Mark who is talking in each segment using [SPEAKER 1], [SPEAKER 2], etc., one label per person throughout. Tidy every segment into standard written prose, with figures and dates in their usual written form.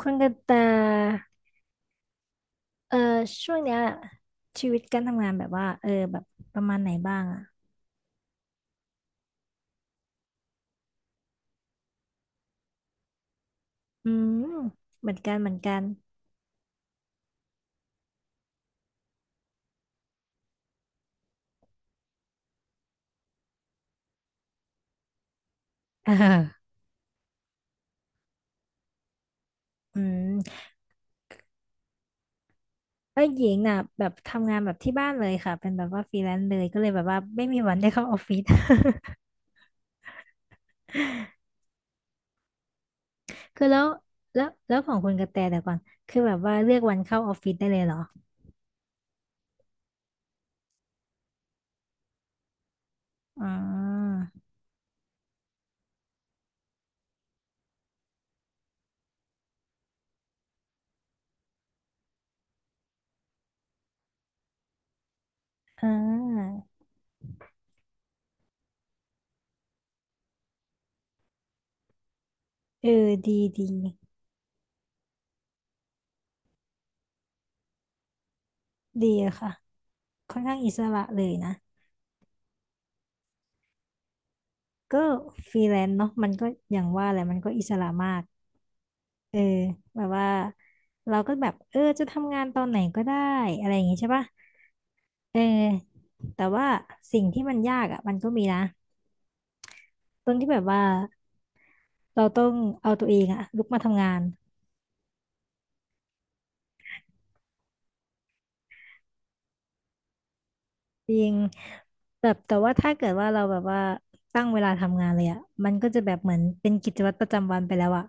[SPEAKER 1] คุณกันตาเออช่วงเนี้ยชีวิตการทำงานแบบว่าแบบประมาณไหนบ้างอ่ะอืมเหมือนกันเหมือนกัน เอออืมเอ้ยหญิงน่ะแบบทำงานแบบที่บ้านเลยค่ะเป็นแบบว่าฟรีแลนซ์เลยก็เลยแบบว่าไม่มีวันได้เข้าออฟฟิศ คือแล้วของคุณกระแตแต่ก่อนคือแบบว่าเลือกวันเข้าออฟฟิศได้เลยเหรออ๋ออ่าเออดีดีดีอะค่ะค่อนข้างอิสระเลยนะ ก็ฟรีแลนซ์เนาะมันก็อย่างว่าแหละมันก็อิสระมากเออแบบว่าเราก็แบบเออจะทำงานตอนไหนก็ได้อะไรอย่างงี้ใช่ปะเออแต่ว่าสิ่งที่มันยากอ่ะมันก็มีนะตรงที่แบบว่าเราต้องเอาตัวเองอ่ะลุกมาทำงานจริงแบบแต่ว่าถ้าเกิดว่าเราแบบว่าตั้งเวลาทำงานเลยอ่ะมันก็จะแบบเหมือนเป็นกิจวัตรประจำวันไปแล้วอ่ะ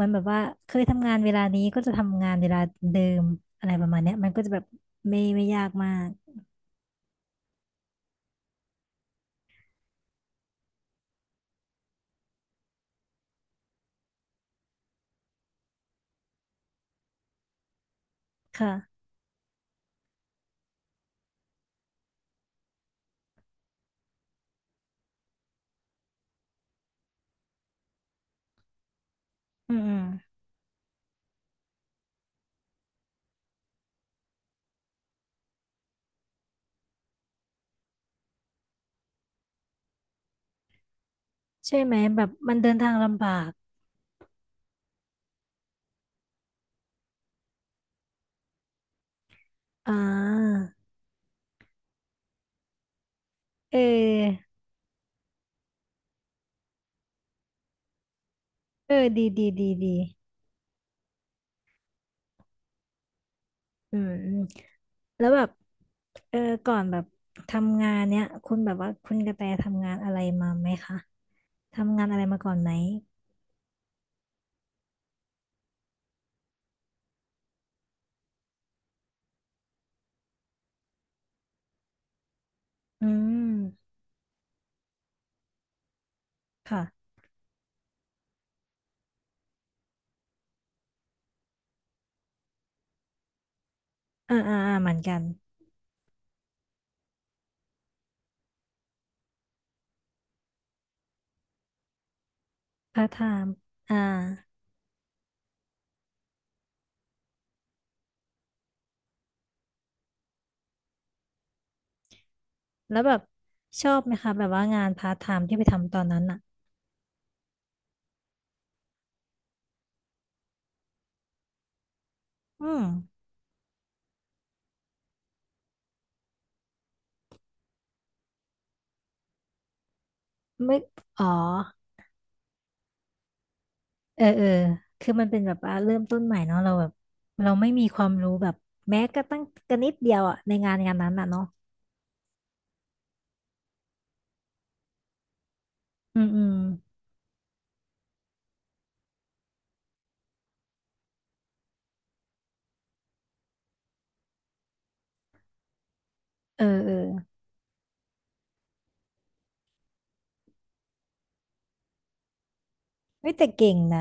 [SPEAKER 1] มันแบบว่าเคยทำงานเวลานี้ก็จะทำงานเวลาเดิมอะไรประมาณเนี้ยมันก็จะแบบไม่ยากมาก ค่ะอืมอืมใช่ไหมแบบ มันเดินทางลำบากอ่าเออเออดีดีดีดีอืมอืมแล้วแบบเออก่อนแบบทำงานเนี้ยคุณแบบว่าคุณกระแตทำงานอะไรมาไหมคะทำงานอะไรมาก่อนไหมอืมค่ะอ่าอ่าอ่าเหมือนกันพาร์ทไทม์อ่าแล้วแบบชอบไหมคะแบบว่างานพาร์ทไทม์ที่ไปทำตอนนั้นอ่ะอืมไม่อ๋อ เออเออ คือมันเป็นแบบว่าเริ่มต้นใหม่เนาะเราแบบเราไม่มีความรู้แบบแม้กระตั้งกระนิดเดียวอะในงานงานนั้นอะเนาะอืมอืมเออเออไม่แต่เก่งนะ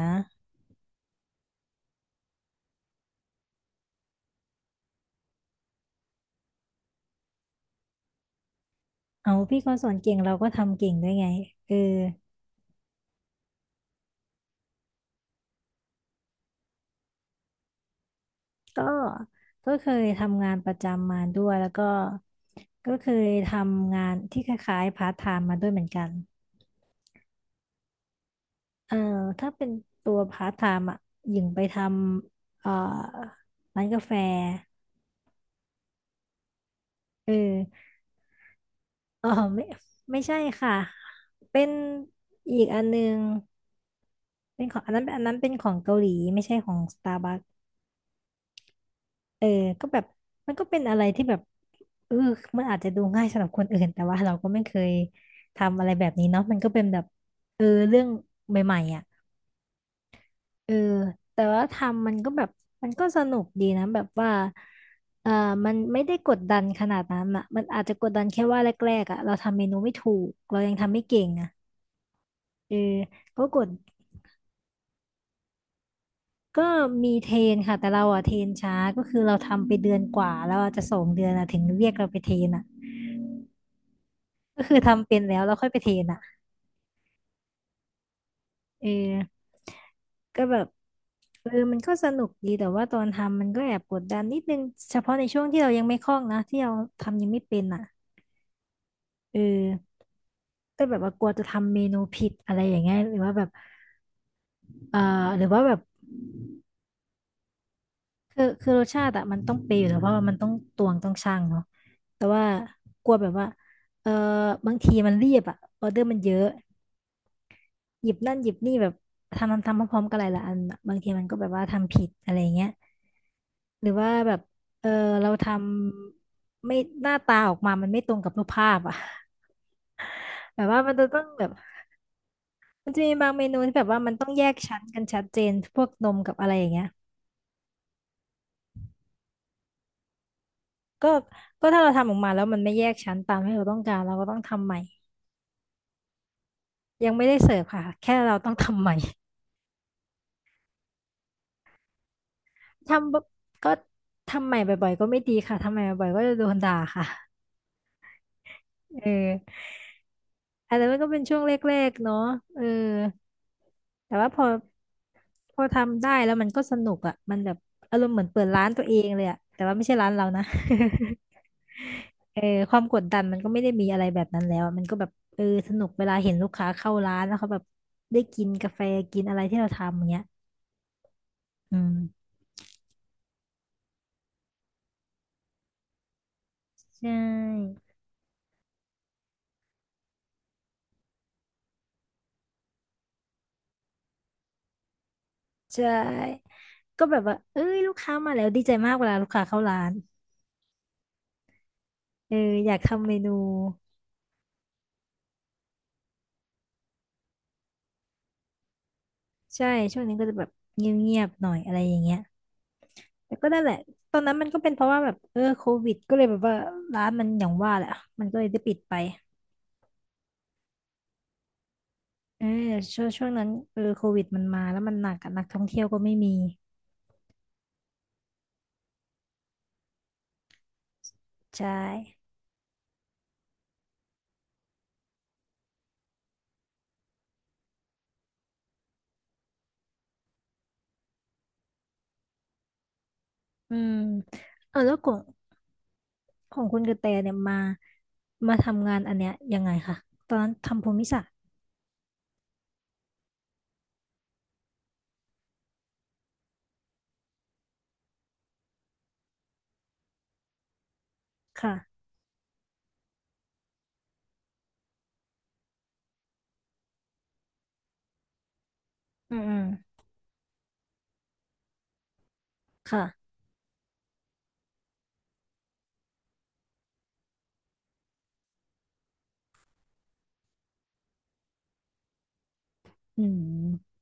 [SPEAKER 1] เอาพี่เขาสอนเก่งเราก็ทำเก่งด้วยไงเออก็ก็เคยทำงานประจำมาด้วยแล้วก็ก็เคยทำงานที่คล้ายๆพาร์ทไทม์มาด้วยเหมือนกันเออถ้าเป็นตัวพาร์ทไทม์อ่ะหญิงไปทำร้านกาแฟเออ อ๋อไม่ไม่ใช่ค่ะเป็นอีกอันนึงเป็นของอันนั้นอันนั้นเป็นของเกาหลีไม่ใช่ของสตาร์บัคเออก็แบบมันก็เป็นอะไรที่แบบเออมันอาจจะดูง่ายสำหรับคนอื่นแต่ว่าเราก็ไม่เคยทำอะไรแบบนี้เนาะมันก็เป็นแบบเออเรื่องใหม่ๆอ่ะเออแต่ว่าทำมันก็แบบมันก็สนุกดีนะแบบว่าเออมันไม่ได้กดดันขนาดนั้นอ่ะมันอาจจะกดดันแค่ว่าแรกๆอ่ะเราทำเมนูไม่ถูกเรายังทำไม่เก่งอ่ะเออก็กด ก็มีเทรนค่ะแต่เราอะเทรนช้าก็คือเราทำไปเดือนกว่าแล้วอาจจะ2 เดือนอะถึงเรียกเราไปเทรนอะก็คือทำเป็นแล้วเราค่อยไปเทรนอะเออก็แบบเออมันก็สนุกดีแต่ว่าตอนทำมันก็แอบกดดันนิดนึงเฉพาะในช่วงที่เรายังไม่คล่องนะที่เราทำยังไม่เป็นอ่ะเออก็แบบว่ากลัวจะทำเมนูผิดอะไรอย่างเงี้ยหรือว่าแบบเอ่อหรือว่าแบบ คือรสชาติอะมันต้องเปรี้ยวอยู่แล้วเพราะว่ามันต้องตวงต้องชั่งเนาะแต่ว่ากลัวแบบว่าเออบางทีมันเรียบอะออเดอร์มันเยอะหยิบนั่นหยิบนี่แบบทำพร้อมๆกันหลายๆอันอะบางทีมันก็แบบว่าทำผิดอะไรเงี้ยหรือว่าแบบเออเราทำไม่หน้าตาออกมามันไม่ตรงกับรูปภาพอะ แบบว่ามันจะต้องแบบมันจะมีบางเมนูที่แบบว่ามันต้องแยกชั้นกันชัดเจนพวกนมกับอะไรอย่างเงี้ยก็ก็ถ้าเราทำออกมาแล้วมันไม่แยกชั้นตามที่เราต้องการเราก็ต้องทำใหม่ ยังไม่ได้เสิร์ฟค่ะแค่เราต้องทำใหม่ ทำบ่ก็ทำใหม่บ่อยๆก็ไม่ดีค่ะทำใหม่บ่อยๆก็จะโดนด่าค่ะเอออันนั้นก็เป็นช่วงแรกๆเนาะเออแต่ว่าพอทำได้แล้วมันก็สนุกอ่ะมันแบบอารมณ์เหมือนเปิดร้านตัวเองเลยอ่ะแต่ว่าไม่ใช่ร้านเรานะ เออความกดดันมันก็ไม่ได้มีอะไรแบบนั้นแล้วอะมันก็แบบเออสนุกเวลาเห็นลูกค้าเข้าร้านแล้วเขาแบบได้กินกาแฟกินอะไรที่เราทำอย่างเงี้ยอืม ใช่ใช่ก็แบบว่าเอ้ยลูกค้ามาแล้วดีใจมากเวลาลูกค้าเข้าร้านเอออยากทำเมนูใช่ช่วงนี้ก็จะแบบเงียบๆหน่อยอะไรอย่างเงี้ยแต่ก็นั่นแหละตอนนั้นมันก็เป็นเพราะว่าแบบเออโควิดก็เลยแบบว่าร้านมันอย่างว่าแหละมันก็เลยได้ปิดไปเออช่วงนั้นเออโควิดมันมาแล้วมันหนักอะนักท่องเที่ยวก็ไม่มีใช่อืมเออแล้วของคุณกระแตเนี่ยมามาทำงานอันเนี้ยยังไงคะตอนนั้นทำภูมิศาสตร์ค่ะ อืมอืมค่ะอืม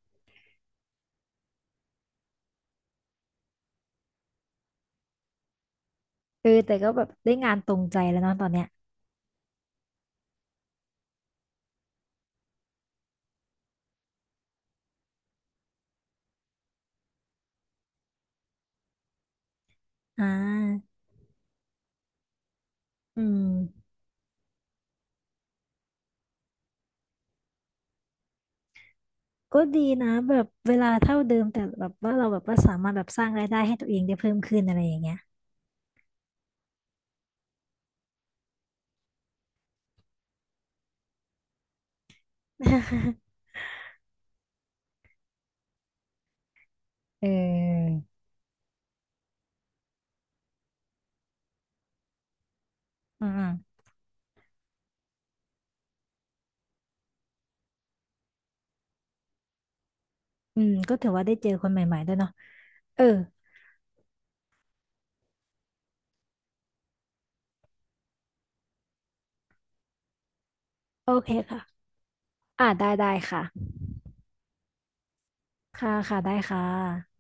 [SPEAKER 1] เออแต่ก็แบบได้งานตรงใจแล้วเนาะตอนเนี้ยอ่าอืมก็ดีนะแบบเวลาเท่าเดิมแต่แบบว่าเราแบบว่าสามารถแบบสร้างรายได้ให้ตัวเองได้เพิ่มขึ้นอะไรอย่างเงี้ยเอออืมอืมอืมก็ถือว่าได้เจอคนใหม่ๆด้วยเนาะเออโอเคค่ะอ่าได้ได้ค่ะค่ะค่ะได้ค่ะ